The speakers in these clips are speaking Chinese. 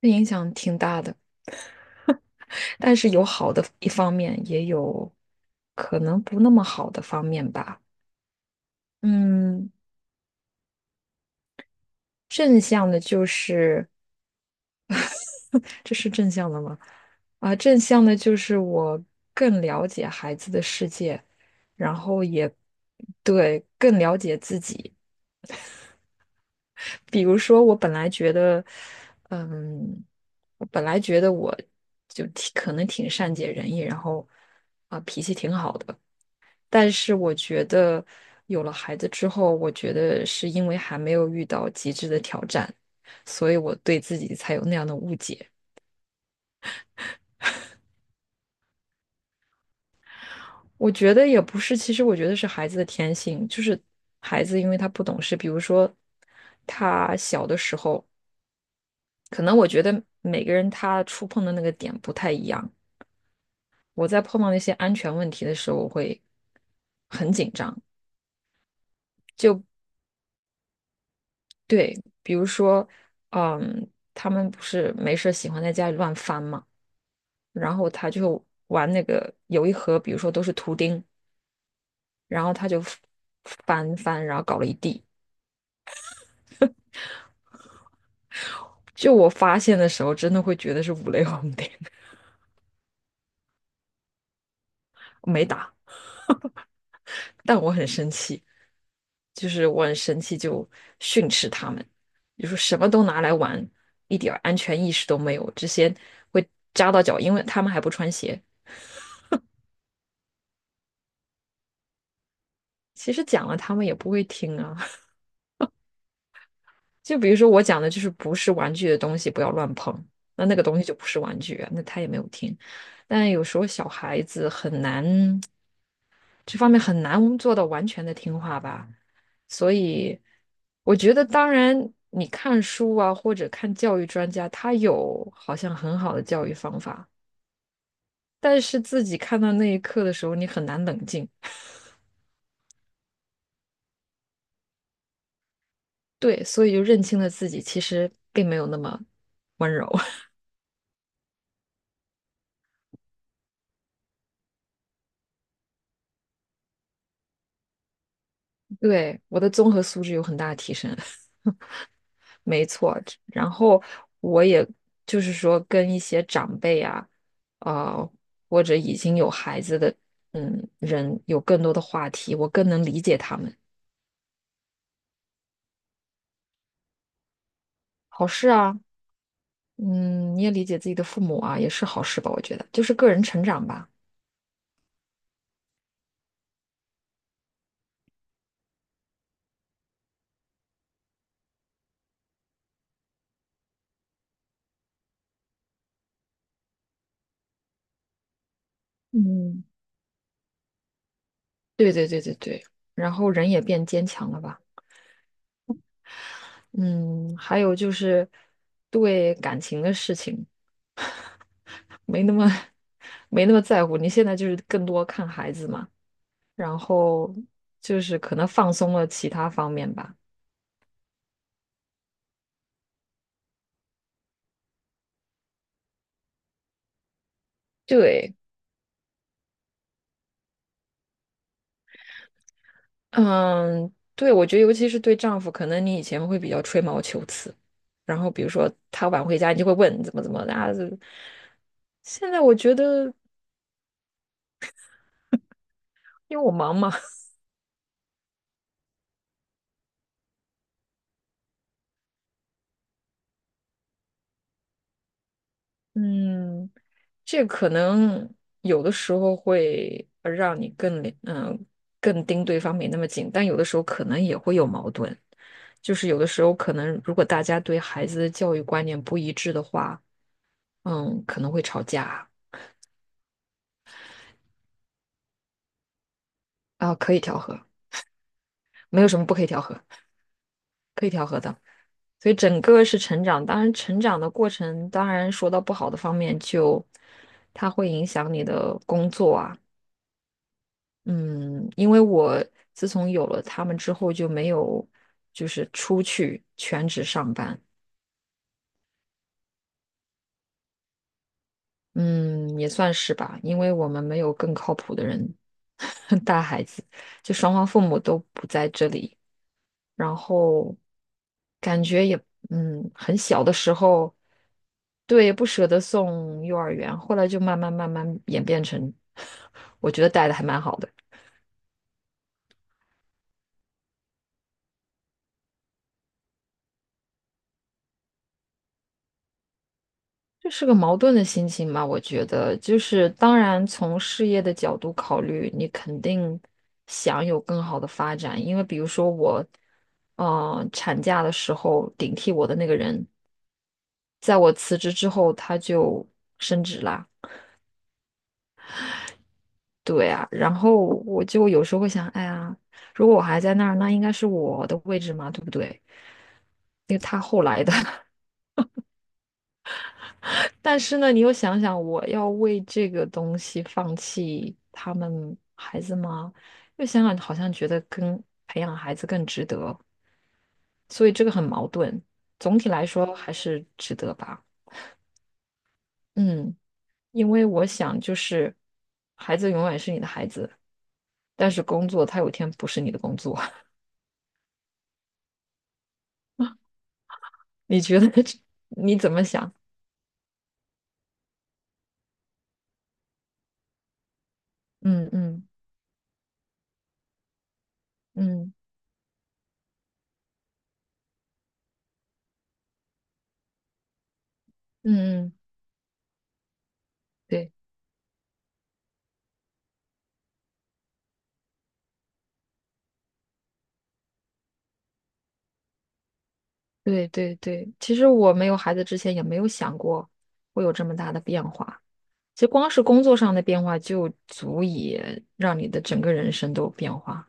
这影响挺大的，但是有好的一方面，也有可能不那么好的方面吧。嗯，正向的就是，这是正向的吗？正向的就是我更了解孩子的世界，然后也对更了解自己。比如说，我本来觉得，嗯，我本来觉得我就挺可能挺善解人意，然后脾气挺好的。但是我觉得有了孩子之后，我觉得是因为还没有遇到极致的挑战，所以我对自己才有那样的误解。我觉得也不是，其实我觉得是孩子的天性，就是孩子因为他不懂事，比如说他小的时候，可能我觉得每个人他触碰的那个点不太一样。我在碰到那些安全问题的时候，我会很紧张。对，比如说，嗯，他们不是没事儿喜欢在家里乱翻吗？然后他就玩那个有一盒，比如说都是图钉，然后他就翻翻，然后搞了一地。就我发现的时候，真的会觉得是五雷轰顶，没打，但我很生气，就是我很生气，就训斥他们，就说什么都拿来玩，一点儿安全意识都没有，这些会扎到脚，因为他们还不穿鞋。其实讲了，他们也不会听啊。就比如说我讲的就是不是玩具的东西不要乱碰，那个东西就不是玩具啊，那他也没有听。但有时候小孩子很难，这方面很难做到完全的听话吧。所以我觉得，当然你看书啊，或者看教育专家，他有好像很好的教育方法，但是自己看到那一刻的时候，你很难冷静。对，所以就认清了自己其实并没有那么温柔。对，我的综合素质有很大的提升。没错，然后我也就是说跟一些长辈啊，呃，或者已经有孩子的人有更多的话题，我更能理解他们。好事啊，嗯，你也理解自己的父母啊，也是好事吧？我觉得就是个人成长吧。嗯，对对对对对，然后人也变坚强了吧？嗯，还有就是对感情的事情没那么 没那么在乎，你现在就是更多看孩子嘛。然后就是可能放松了其他方面吧。对，嗯，对，我觉得尤其是对丈夫，可能你以前会比较吹毛求疵，然后比如说他晚回家，你就会问怎么怎么的啊。现在我觉得，因为我忙嘛，嗯，这可能有的时候会让你更盯对方没那么紧，但有的时候可能也会有矛盾，就是有的时候可能如果大家对孩子的教育观念不一致的话。嗯，可能会吵架啊，可以调和，没有什么不可以调和，可以调和的。所以整个是成长，当然成长的过程，当然说到不好的方面就，它会影响你的工作啊，嗯，因为我自从有了他们之后就没有就是出去全职上班，嗯，也算是吧，因为我们没有更靠谱的人 带孩子，就双方父母都不在这里。然后感觉也嗯，很小的时候，对，不舍得送幼儿园，后来就慢慢演变成，我觉得带的还蛮好的。这是个矛盾的心情吧，我觉得，就是当然从事业的角度考虑，你肯定想有更好的发展，因为比如说我，产假的时候顶替我的那个人，在我辞职之后他就升职啦。对啊，然后我就有时候会想，哎呀，如果我还在那儿，那应该是我的位置嘛，对不对？因为他后来的，但是呢，你又想想，我要为这个东西放弃他们孩子吗？又想想，好像觉得跟培养孩子更值得，所以这个很矛盾。总体来说还是值得吧，嗯，因为我想就是，孩子永远是你的孩子，但是工作他有一天不是你的工作。你觉得这 你怎么想？嗯嗯嗯嗯嗯，对对对对。其实我没有孩子之前也没有想过会有这么大的变化。其实光是工作上的变化就足以让你的整个人生都有变化。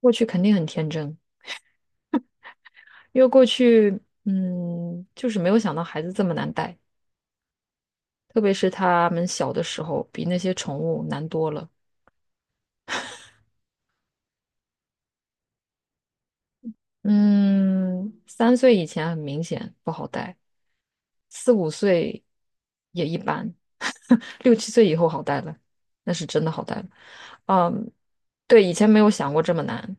过去肯定很天真，因为过去就是没有想到孩子这么难带，特别是他们小的时候比那些宠物难多了。嗯，3岁以前很明显不好带，4、5岁也一般，6、7岁以后好带了，那是真的好带了。嗯，对，以前没有想过这么难。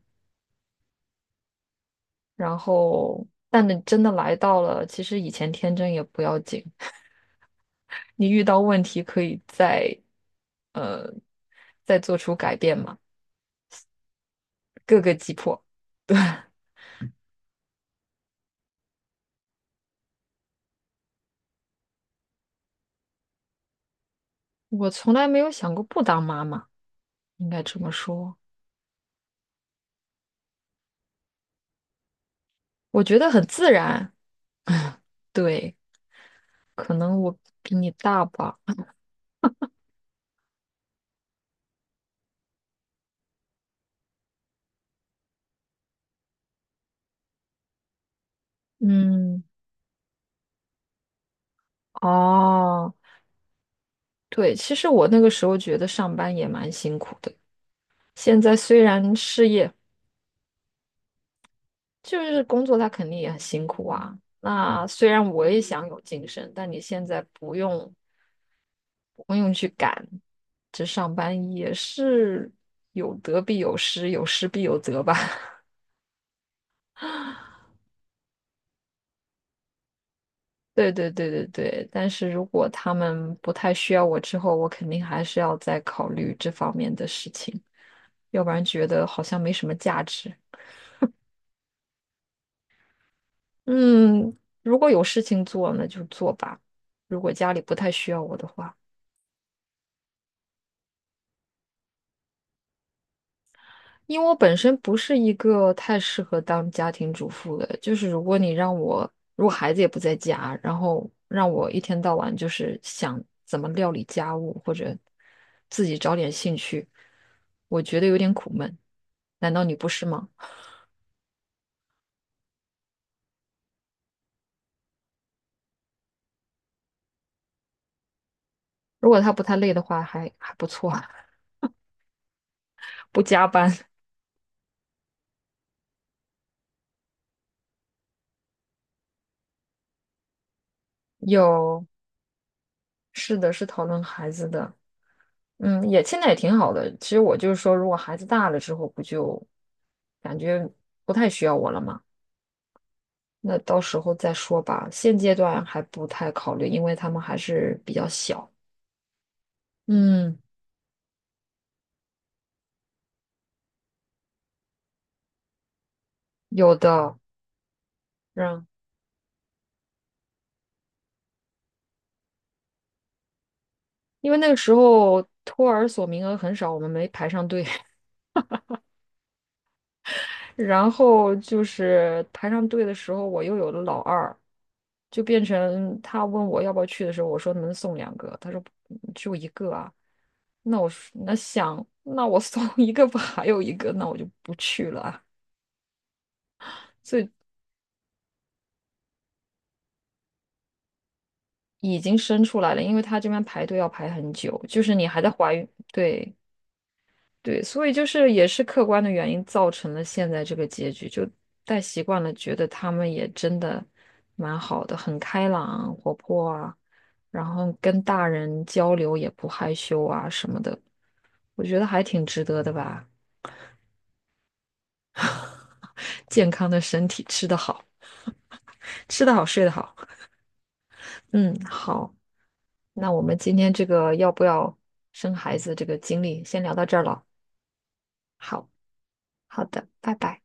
然后，但你真的来到了，其实以前天真也不要紧，你遇到问题可以呃再做出改变嘛，各个击破。对，我从来没有想过不当妈妈，应该这么说，我觉得很自然。对，可能我比你大吧。嗯，哦，对，其实我那个时候觉得上班也蛮辛苦的。现在虽然事业就是工作，它肯定也很辛苦啊。那虽然我也想有晋升，但你现在不用，这上班也是有得必有失，有失必有得吧。对对对对对，但是如果他们不太需要我之后，我肯定还是要再考虑这方面的事情。要不然觉得好像没什么价值。嗯，如果有事情做，那就做吧。如果家里不太需要我的话，因为我本身不是一个太适合当家庭主妇的，就是如果你让我，如果孩子也不在家，然后让我一天到晚就是想怎么料理家务或者自己找点兴趣，我觉得有点苦闷。难道你不是吗？如果他不太累的话，还不错，不加班，又。是的，是讨论孩子的，嗯，也现在也挺好的。其实我就是说，如果孩子大了之后，不就感觉不太需要我了嘛？那到时候再说吧。现阶段还不太考虑，因为他们还是比较小。嗯，有的，让，因为那个时候托儿所名额很少，我们没排上队。然后就是排上队的时候，我又有了老二，就变成他问我要不要去的时候，我说能送2个，他说就1个啊。那我说那想，那我送 1个吧，还有一个，那我就不去了啊。所以已经生出来了，因为他这边排队要排很久，就是你还在怀孕，对，对，所以就是也是客观的原因造成了现在这个结局，就带习惯了，觉得他们也真的蛮好的，很开朗、活泼啊，然后跟大人交流也不害羞啊什么的，我觉得还挺值得的吧。健康的身体，吃得好，吃得好，睡得好。嗯，好，那我们今天这个要不要生孩子这个经历，先聊到这儿了。好，好的，拜拜。